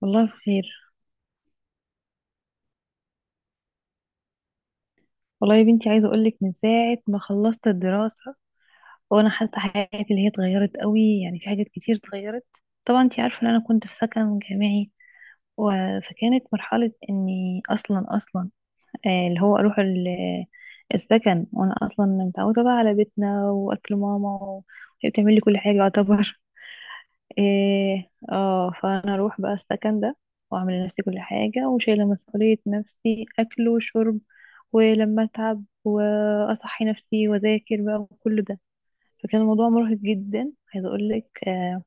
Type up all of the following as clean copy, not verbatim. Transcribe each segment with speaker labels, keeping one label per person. Speaker 1: والله بخير. والله يا بنتي، عايزه اقول لك من ساعه ما خلصت الدراسه، وانا حاسه حياتي اللي هي اتغيرت قوي. يعني في حاجات كتير اتغيرت. طبعا انت عارفه ان انا كنت في سكن جامعي. فكانت مرحله اني اصلا اصلا اللي هو اروح السكن، وانا اصلا متعوده بقى على بيتنا واكل ماما وهي بتعمل لي كل حاجه يعتبر. إيه اه فانا اروح بقى السكن ده، واعمل لنفسي كل حاجة، وشايلة مسؤولية نفسي اكل وشرب، ولما اتعب واصحي نفسي واذاكر بقى وكل ده. فكان الموضوع مرهق جدا، عايزة اقول لك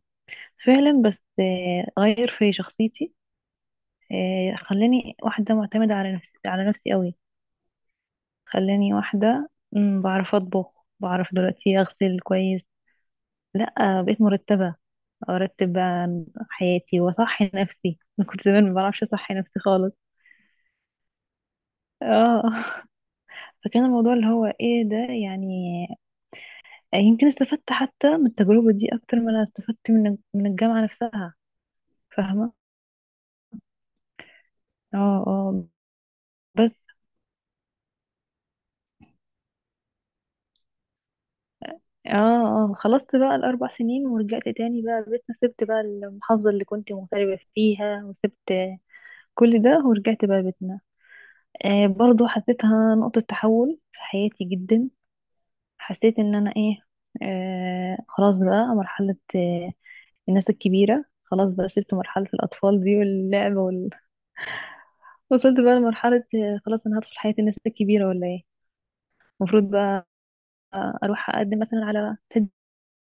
Speaker 1: فعلا. بس غير في شخصيتي، خلاني واحدة معتمدة على نفسي، على نفسي قوي. خلاني واحدة بعرف اطبخ، بعرف دلوقتي اغسل كويس. لا، بقيت مرتبة، ارتب بقى حياتي واصحي نفسي. انا كنت زمان ما بعرفش اصحي نفسي خالص. اه. فكان الموضوع اللي هو ايه ده يعني. يمكن استفدت حتى من التجربة دي اكتر ما انا استفدت من الجامعة نفسها. فاهمة؟ اه. اه. بس اه اه خلصت بقى ال4 سنين، ورجعت تاني بقى بيتنا، سبت بقى المحافظة اللي كنت مغتربة فيها، وسبت كل ده ورجعت بقى بيتنا. آه، برضو حسيتها نقطة تحول في حياتي جدا. حسيت ان انا ايه، خلاص بقى مرحلة الناس الكبيرة. خلاص بقى سبت مرحلة الأطفال دي واللعب وصلت بقى لمرحلة، خلاص أنا هدخل حياة الناس الكبيرة ولا إيه. المفروض بقى أروح أقدم مثلا على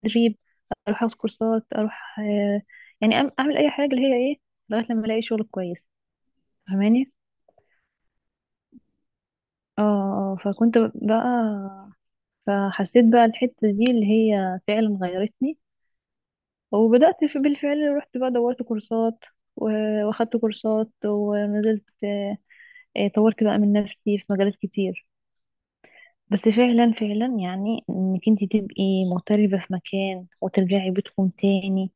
Speaker 1: تدريب، أروح أخد كورسات، أروح يعني أعمل أي حاجة اللي هي لغاية لما ألاقي شغل كويس. فاهماني؟ اه فكنت بقى، فحسيت بقى الحتة دي اللي هي فعلا غيرتني. وبدأت، في بالفعل رحت بقى دورت كورسات واخدت كورسات، ونزلت، طورت بقى من نفسي في مجالات كتير. بس فعلا فعلا يعني انك انت تبقي مغتربة في مكان وترجعي بيتكم تاني،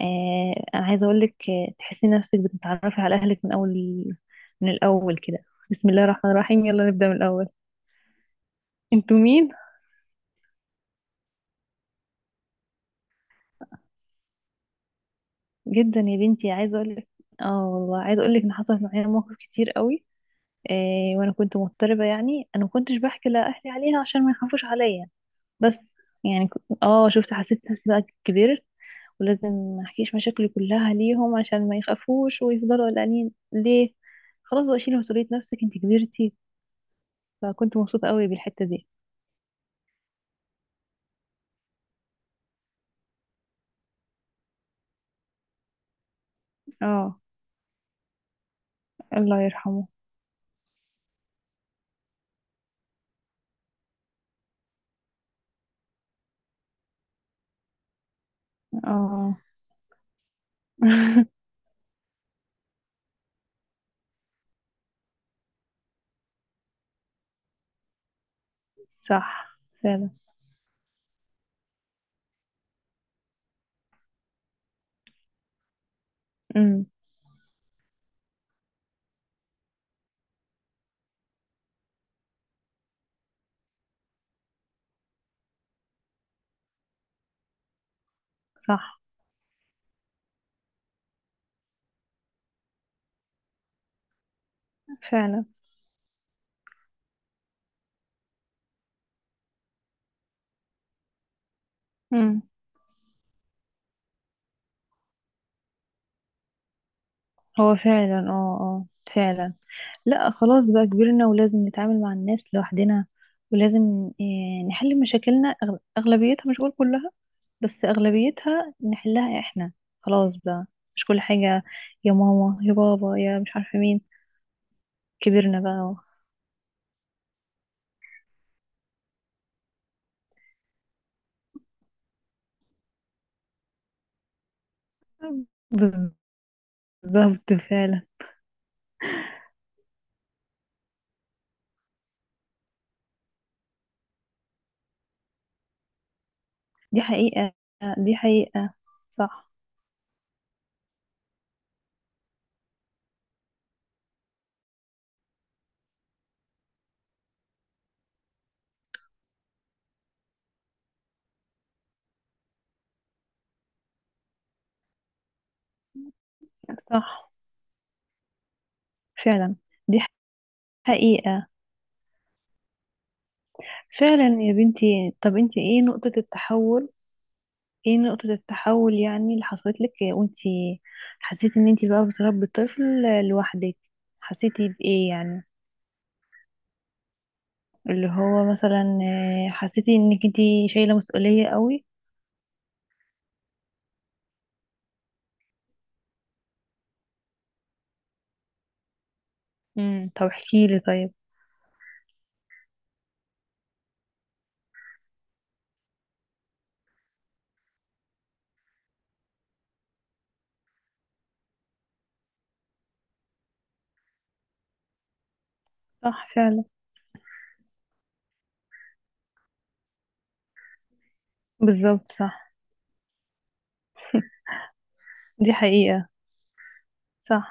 Speaker 1: انا عايزة اقولك تحسي نفسك بتتعرفي على اهلك من اول، من الاول كده. بسم الله الرحمن الرحيم، يلا نبدأ من الاول. انتوا مين؟ جدا يا بنتي عايزة اقولك، اه، والله عايزة اقولك ان حصلت معايا مواقف كتير قوي. وانا كنت مضطربة. يعني انا ما كنتش بحكي لاهلي عليها عشان ما يخافوش عليا. بس يعني اه شفت حسيت نفسي بقى كبرت، ولازم ما احكيش مشاكلي كلها ليهم عشان ما يخافوش ويفضلوا قلقانين ليه. خلاص بقى شيلي مسؤولية نفسك، انت كبرتي. فكنت مبسوطة قوي بالحتة دي. اه. الله يرحمه. اه. صح فعلا. امم. صح فعلا. امم. هو فعلا اه. اه. فعلا. لا خلاص بقى كبرنا ولازم نتعامل مع الناس لوحدنا، ولازم نحل مشاكلنا، أغلبيتها، مش بقول كلها بس أغلبيتها نحلها احنا. خلاص بقى، مش كل حاجة يا ماما يا بابا يا مش عارفة مين. كبرنا بقى. بالظبط فعلا. دي حقيقة. دي حقيقة. صح. صح فعلا. دي حقيقة. فعلا يا بنتي، طب انت ايه نقطة التحول؟ ايه نقطة التحول يعني اللي حصلت لك وانت حسيتي ان انتي بقى بتربي طفل لوحدك؟ حسيتي بايه يعني؟ اللي هو مثلا حسيتي انك انتي شايلة مسؤولية قوي. امم، طب احكيلي طيب. صح فعلا. بالظبط صح. دي حقيقة. صح.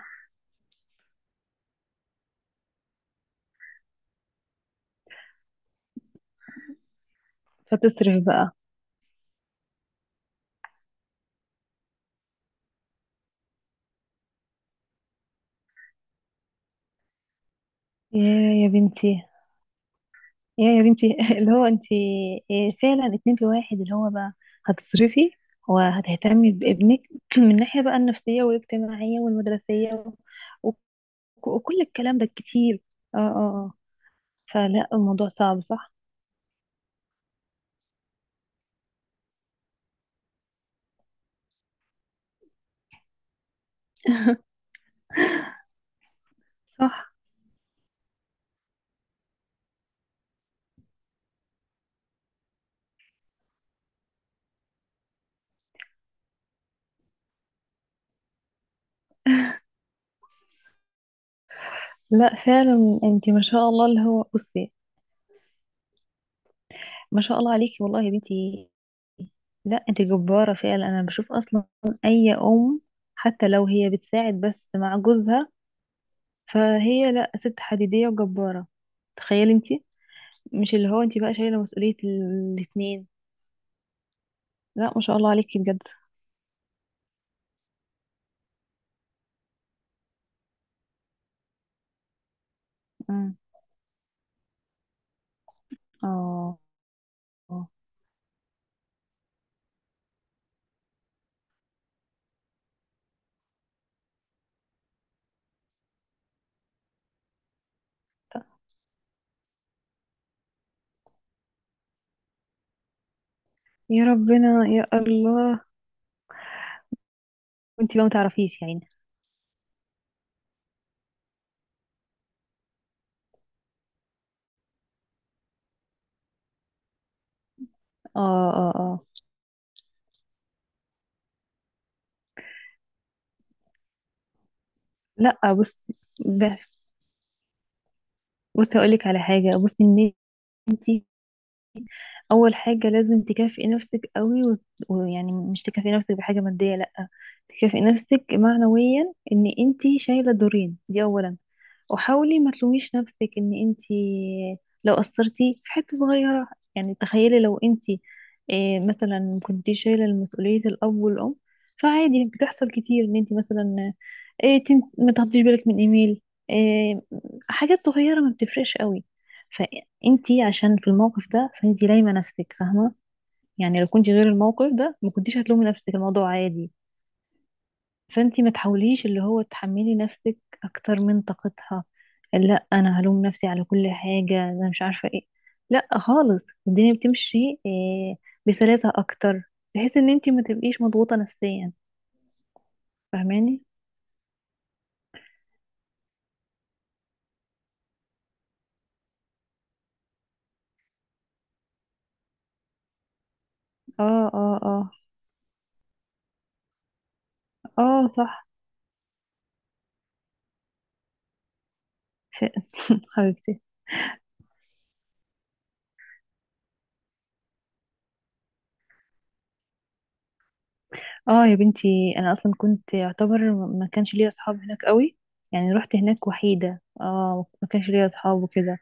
Speaker 1: فتصرف بقى. يا يا بنتي، يا يا بنتي. اللي هو انتي فعلا اتنين في واحد، اللي هو بقى هتصرفي وهتهتمي بابنك من ناحية بقى النفسية والاجتماعية والمدرسية وك- وكل الكلام ده كتير. اه. اه. آه. فلا الموضوع صعب، صح. صح. لا فعلا انت ما شاء الله اللي هو بصي. ما شاء الله عليكي والله يا بنتي. لا، انت جبارة فعلا، انا بشوف اصلا اي ام حتى لو هي بتساعد بس مع جوزها فهي، لا، ست حديدية وجبارة. تخيلي انت، مش اللي هو انت بقى شايلة مسؤولية الاتنين. لا ما شاء الله عليكي بجد. مم. اه. آه. يا ربنا يا الله. وانت بقى ما تعرفيش يعني. اه. اه. اه. لا بص، بصي هقولك على حاجة. بصي ان انتي اول حاجة لازم تكافئي نفسك قوي، ويعني مش تكافئي نفسك بحاجة مادية، لأ. تكافئي نفسك معنويا ان انتي شايلة دورين دي اولا. وحاولي ما تلوميش نفسك ان انت لو قصرتي في حته صغيره. يعني تخيلي لو انت مثلا كنتي شايله مسؤوليه الاب والام، فعادي بتحصل كتير ان انت مثلا إيه ما تاخديش بالك من ايميل، إيه حاجات صغيره ما بتفرقش قوي. فانت عشان في الموقف ده فانت لايمه نفسك، فاهمه؟ يعني لو كنت غير الموقف ده ما كنتيش هتلومي نفسك، الموضوع عادي. فانتي ما تحاوليش اللي هو تحملي نفسك اكتر من طاقتها، لا، انا هلوم نفسي على كل حاجة انا مش عارفة ايه. لا خالص، الدنيا بتمشي إيه بسلاسة اكتر، بحيث ان انتي ما تبقيش مضغوطة نفسيا. فاهماني؟ اه. اه. اه. اه. صح. حبيبتي. اه يا بنتي، انا اصلا كنت يعتبر ما كانش ليا اصحاب هناك قوي. يعني رحت هناك وحيدة، اه، ما كانش ليا اصحاب وكده.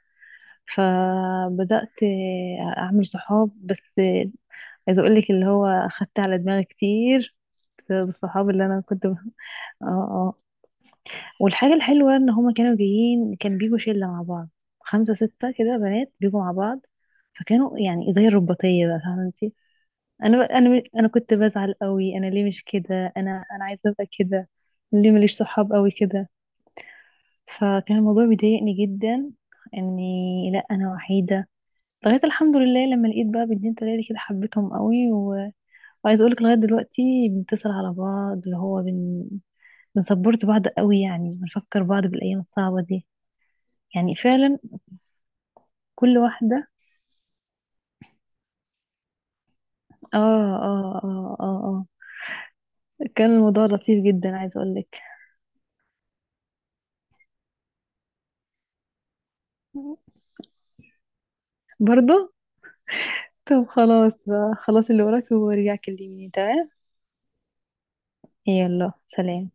Speaker 1: فبدأت اعمل صحاب. بس عايزه اقول لك اللي هو اخدت على دماغي كتير بسبب الصحاب اللي انا كنت. اه. اه. والحاجه الحلوه ان هما كانوا جايين، كان بيجوا شله مع بعض، 5 6 كده بنات بيجوا مع بعض. فكانوا يعني زي الرباطيه بقى، فاهمه انت. انا كنت بزعل قوي، انا ليه مش كده، انا عايزه ابقى كده. ليه ماليش صحاب قوي كده؟ فكان الموضوع بيضايقني جدا، اني لا، انا وحيده. لغايه الحمد لله لما لقيت بقى بنتين 3 كده، حبيتهم قوي. وعايزه اقولك لغايه دلوقتي بنتصل على بعض، اللي هو بنسبورت بعض قوي، يعني بنفكر بعض بالايام الصعبه دي، يعني فعلا كل واحده. اه. اه. اه. اه. اه. كان الموضوع لطيف جدا عايزه اقولك. برضه. طب خلاص بقى، خلاص اللي وراك وارجع كلميني، تمام. يلا سلام.